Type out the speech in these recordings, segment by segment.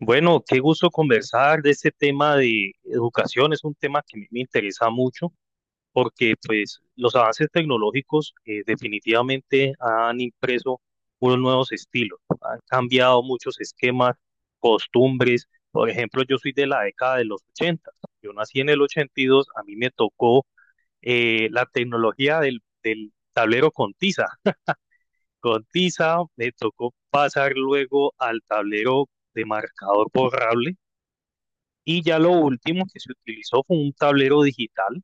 Bueno, qué gusto conversar de este tema de educación. Es un tema que a mí me interesa mucho porque pues, los avances tecnológicos definitivamente han impreso unos nuevos estilos, han cambiado muchos esquemas, costumbres. Por ejemplo, yo soy de la década de los 80. Yo nací en el 82. A mí me tocó la tecnología del tablero con tiza. Con tiza me tocó pasar luego al tablero de marcador borrable y ya lo último que se utilizó fue un tablero digital,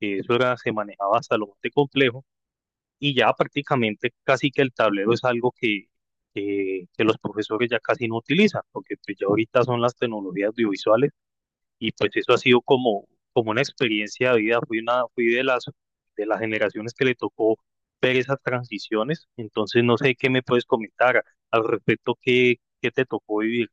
que eso era, se manejaba hasta lo más de complejo, y ya prácticamente casi que el tablero es algo que los profesores ya casi no utilizan, porque pues ya ahorita son las tecnologías audiovisuales, y pues eso ha sido como, como una experiencia de vida, fui, una, fui de las generaciones que le tocó ver esas transiciones, entonces no sé qué me puedes comentar al respecto, qué, qué te tocó vivir.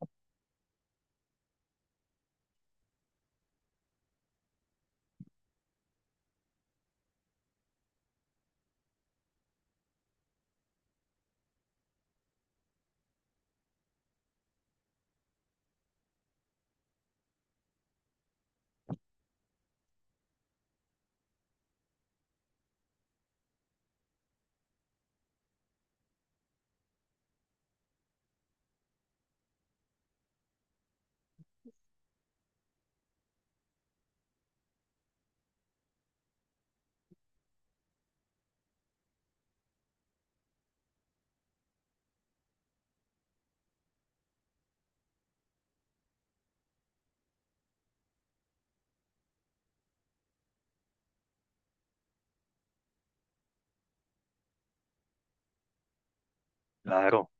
Claro.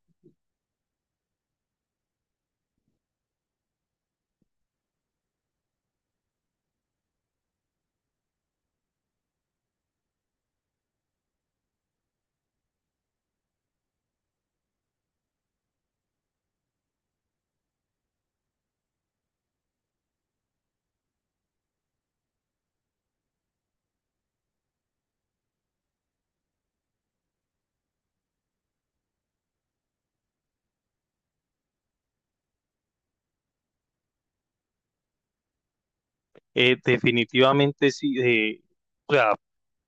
Definitivamente sí, o sea,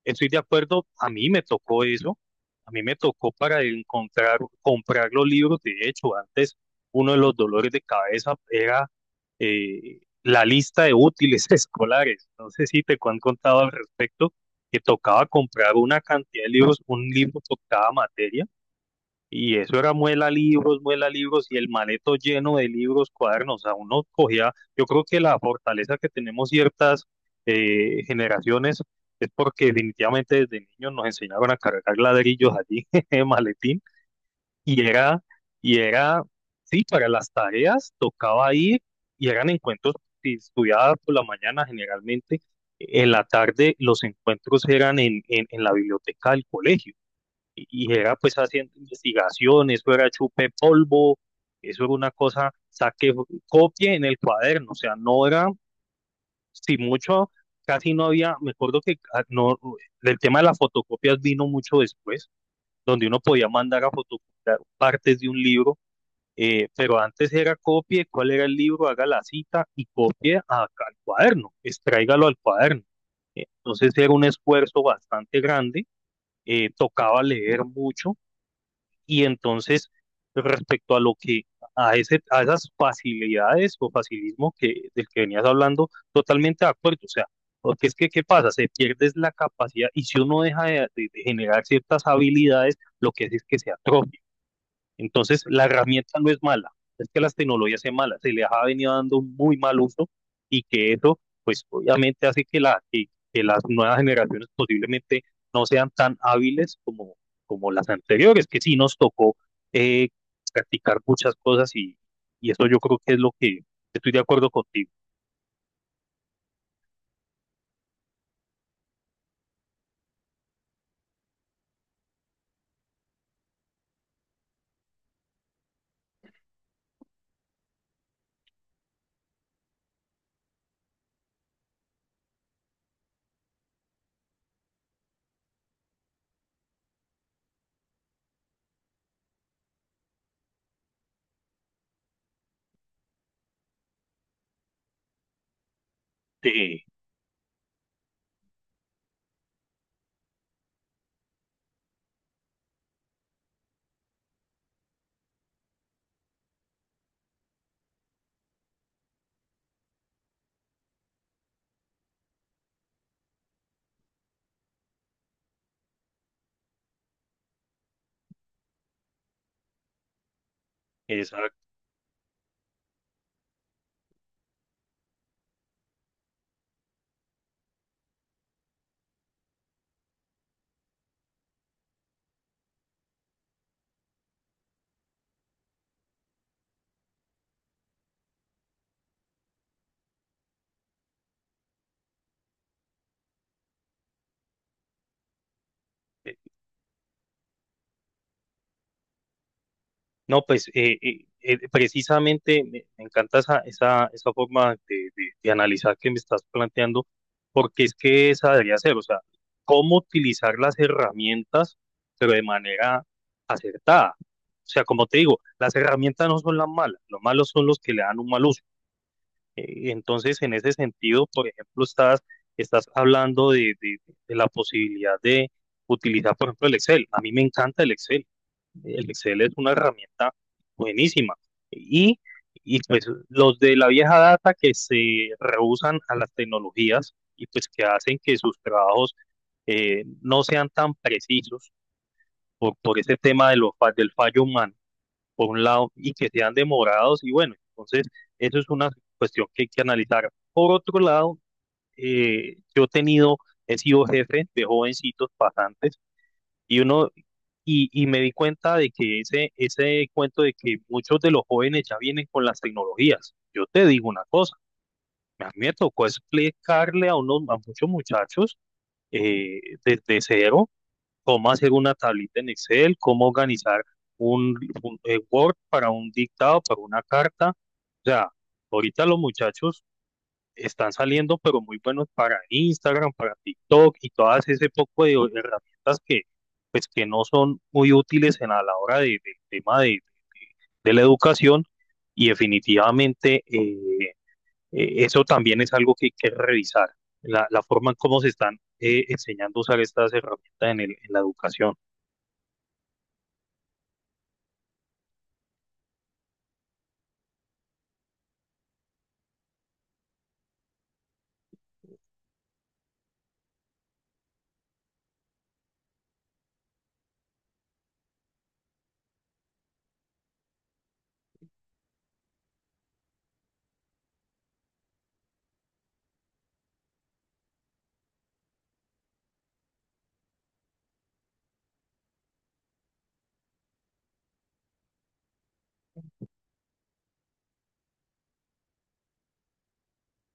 estoy de acuerdo, a mí me tocó eso, a mí me tocó para encontrar, comprar los libros, de hecho, antes uno de los dolores de cabeza era la lista de útiles escolares, no sé si te han contado al respecto, que tocaba comprar una cantidad de libros, un libro por cada materia, y eso era muela libros y el maleto lleno de libros, cuadernos. A uno cogía, yo creo que la fortaleza que tenemos ciertas generaciones es porque definitivamente desde niños nos enseñaban a cargar ladrillos allí en maletín y era, y era, sí, para las tareas tocaba ir y eran encuentros, si estudiaba por la mañana generalmente, en la tarde los encuentros eran en, en la biblioteca del colegio y y era pues haciendo investigación, eso era chupe polvo, eso era una cosa, saque copie en el cuaderno, o sea, no era, si mucho, casi no había, me acuerdo que no, el tema de las fotocopias vino mucho después, donde uno podía mandar a fotocopiar partes de un libro, pero antes era copie, cuál era el libro, haga la cita y copie al cuaderno, extráigalo al cuaderno. Entonces era un esfuerzo bastante grande, tocaba leer mucho y entonces, respecto a lo que, a ese, a esas facilidades o facilismo que, del que venías hablando, totalmente de acuerdo. O sea, porque es que, ¿qué pasa? Se pierde es la capacidad y si uno deja de generar ciertas habilidades, lo que hace es que se atrofia. Entonces, la herramienta no es mala, es que las tecnologías sean malas, se les ha venido dando un muy mal uso y que eso, pues obviamente hace que, la, que las nuevas generaciones posiblemente no sean tan hábiles como, como las anteriores, que sí nos tocó eh, practicar muchas cosas y eso yo creo que es lo que estoy de acuerdo contigo. De esa no, pues precisamente me encanta esa, esa, esa forma de, de analizar que me estás planteando, porque es que esa debería ser, o sea, cómo utilizar las herramientas, pero de manera acertada. O sea, como te digo, las herramientas no son las malas, los malos son los que le dan un mal uso. Entonces, en ese sentido, por ejemplo, estás, estás hablando de la posibilidad de utilizar, por ejemplo, el Excel. A mí me encanta el Excel. El Excel es una herramienta buenísima. Y, y pues los de la vieja data que se rehusan a las tecnologías y pues que hacen que sus trabajos no sean tan precisos por ese tema de los, del fallo humano, por un lado, y que sean demorados. Y bueno, entonces eso es una cuestión que hay que analizar. Por otro lado, yo he tenido, he sido jefe de jovencitos pasantes y uno y me di cuenta de que ese cuento de que muchos de los jóvenes ya vienen con las tecnologías. Yo te digo una cosa, a mí me tocó explicarle a, unos, a muchos muchachos eh, desde cero cómo hacer una tablita en Excel, cómo organizar un, un, Word para un dictado, para una carta. O sea, ahorita los muchachos están saliendo, pero muy buenos para Instagram, para TikTok y todas ese poco de herramientas que, pues, que no son muy útiles en, a la hora del tema de la educación y definitivamente eso también es algo que hay que revisar, la forma en cómo se están enseñando a usar estas herramientas en, en la educación.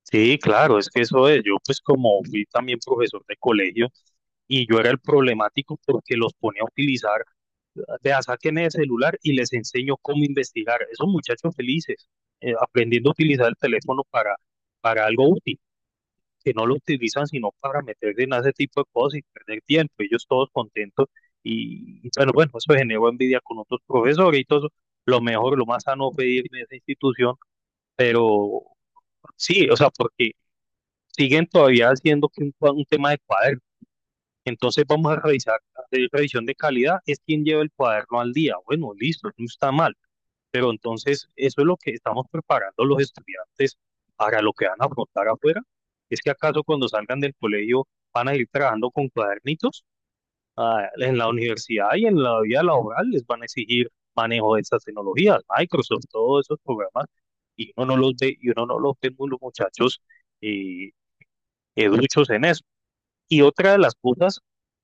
Sí, claro, es que eso es, yo pues como fui también profesor de colegio y yo era el problemático porque los ponía a utilizar vea, sáquenme el celular y les enseño cómo investigar. Esos muchachos felices, aprendiendo a utilizar el teléfono para algo útil, que no lo utilizan sino para meterse en ese tipo de cosas y perder tiempo. Ellos todos contentos y bueno, bueno, eso generó envidia con otros profesores y todo. Eso. Lo mejor, lo más sano fue ir de esa institución, pero sí, o sea, porque siguen todavía haciendo que un, un tema de cuaderno. Entonces vamos a revisar, hacer revisión de calidad, es quien lleva el cuaderno al día. Bueno, listo, no está mal, pero entonces, eso es lo que estamos preparando los estudiantes para lo que van a afrontar afuera. ¿Es que acaso cuando salgan del colegio van a ir trabajando con cuadernitos? Ah, en la universidad y en la vida laboral les van a exigir manejo de esas tecnologías, Microsoft, todos esos programas, y uno no los ve, y uno no los ve muy los muchachos eh, educhos en eso. Y otra de las cosas,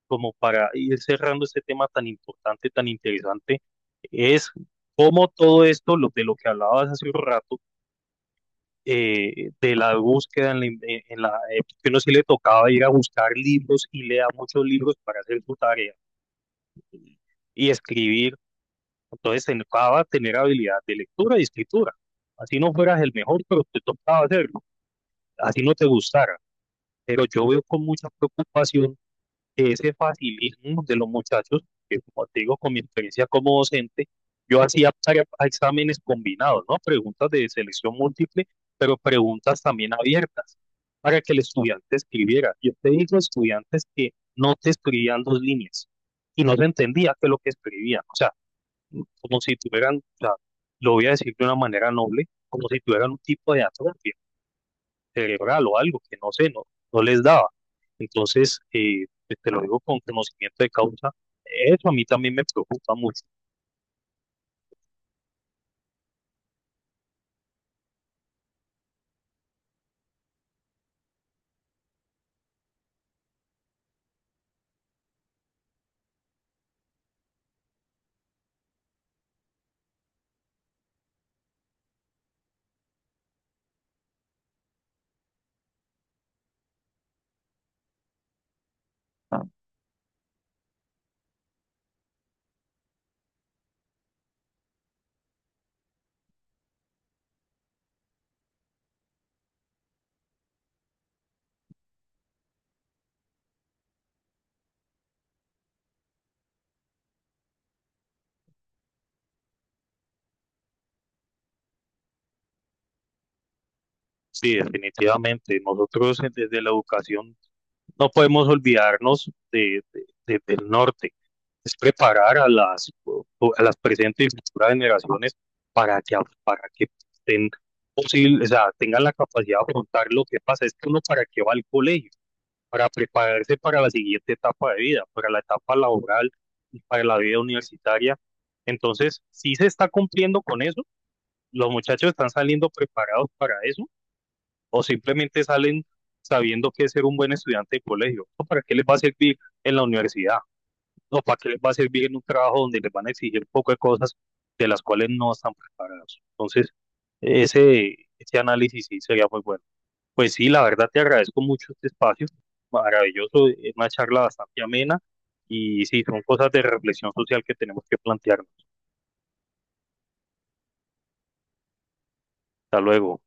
como para ir cerrando este tema tan importante, tan interesante, es cómo todo esto, lo, de lo que hablabas hace un rato, de la búsqueda, en la, en que uno sí le tocaba ir a buscar libros y lea muchos libros para hacer su tarea y, y escribir. Entonces, te tocaba tener habilidad de lectura y escritura. Así no fueras el mejor, pero te tocaba hacerlo, así no te gustara. Pero yo veo con mucha preocupación ese facilismo de los muchachos, que como te digo, con mi experiencia como docente, yo hacía exámenes combinados, ¿no? Preguntas de selección múltiple, pero preguntas también abiertas para que el estudiante escribiera. Yo te digo, estudiantes que no te escribían dos líneas y no se entendía qué es lo que escribían. O sea, como si tuvieran, o sea, lo voy a decir de una manera noble, como si tuvieran un tipo de atrofia cerebral o algo que no sé, no, no les daba. Entonces, pues te lo digo con conocimiento de causa, eso a mí también me preocupa mucho. Sí, definitivamente. Nosotros desde la educación no podemos olvidarnos de, del norte. Es preparar a las, o a las presentes y futuras generaciones para que, para que estén posible, o sea, tengan la capacidad de afrontar lo que pasa. Es que uno para qué va al colegio. Para prepararse para la siguiente etapa de vida, para la etapa laboral y para la vida universitaria. Entonces, ¿si se está cumpliendo con eso? ¿Los muchachos están saliendo preparados para eso? ¿O simplemente salen sabiendo que es ser un buen estudiante de colegio? ¿O para qué les va a servir en la universidad? ¿O para qué les va a servir en un trabajo donde les van a exigir poco de cosas de las cuales no están preparados? Entonces, ese análisis sí sería muy bueno. Pues sí, la verdad te agradezco mucho este espacio, maravilloso, es una charla bastante amena y sí, son cosas de reflexión social que tenemos que plantearnos. Hasta luego.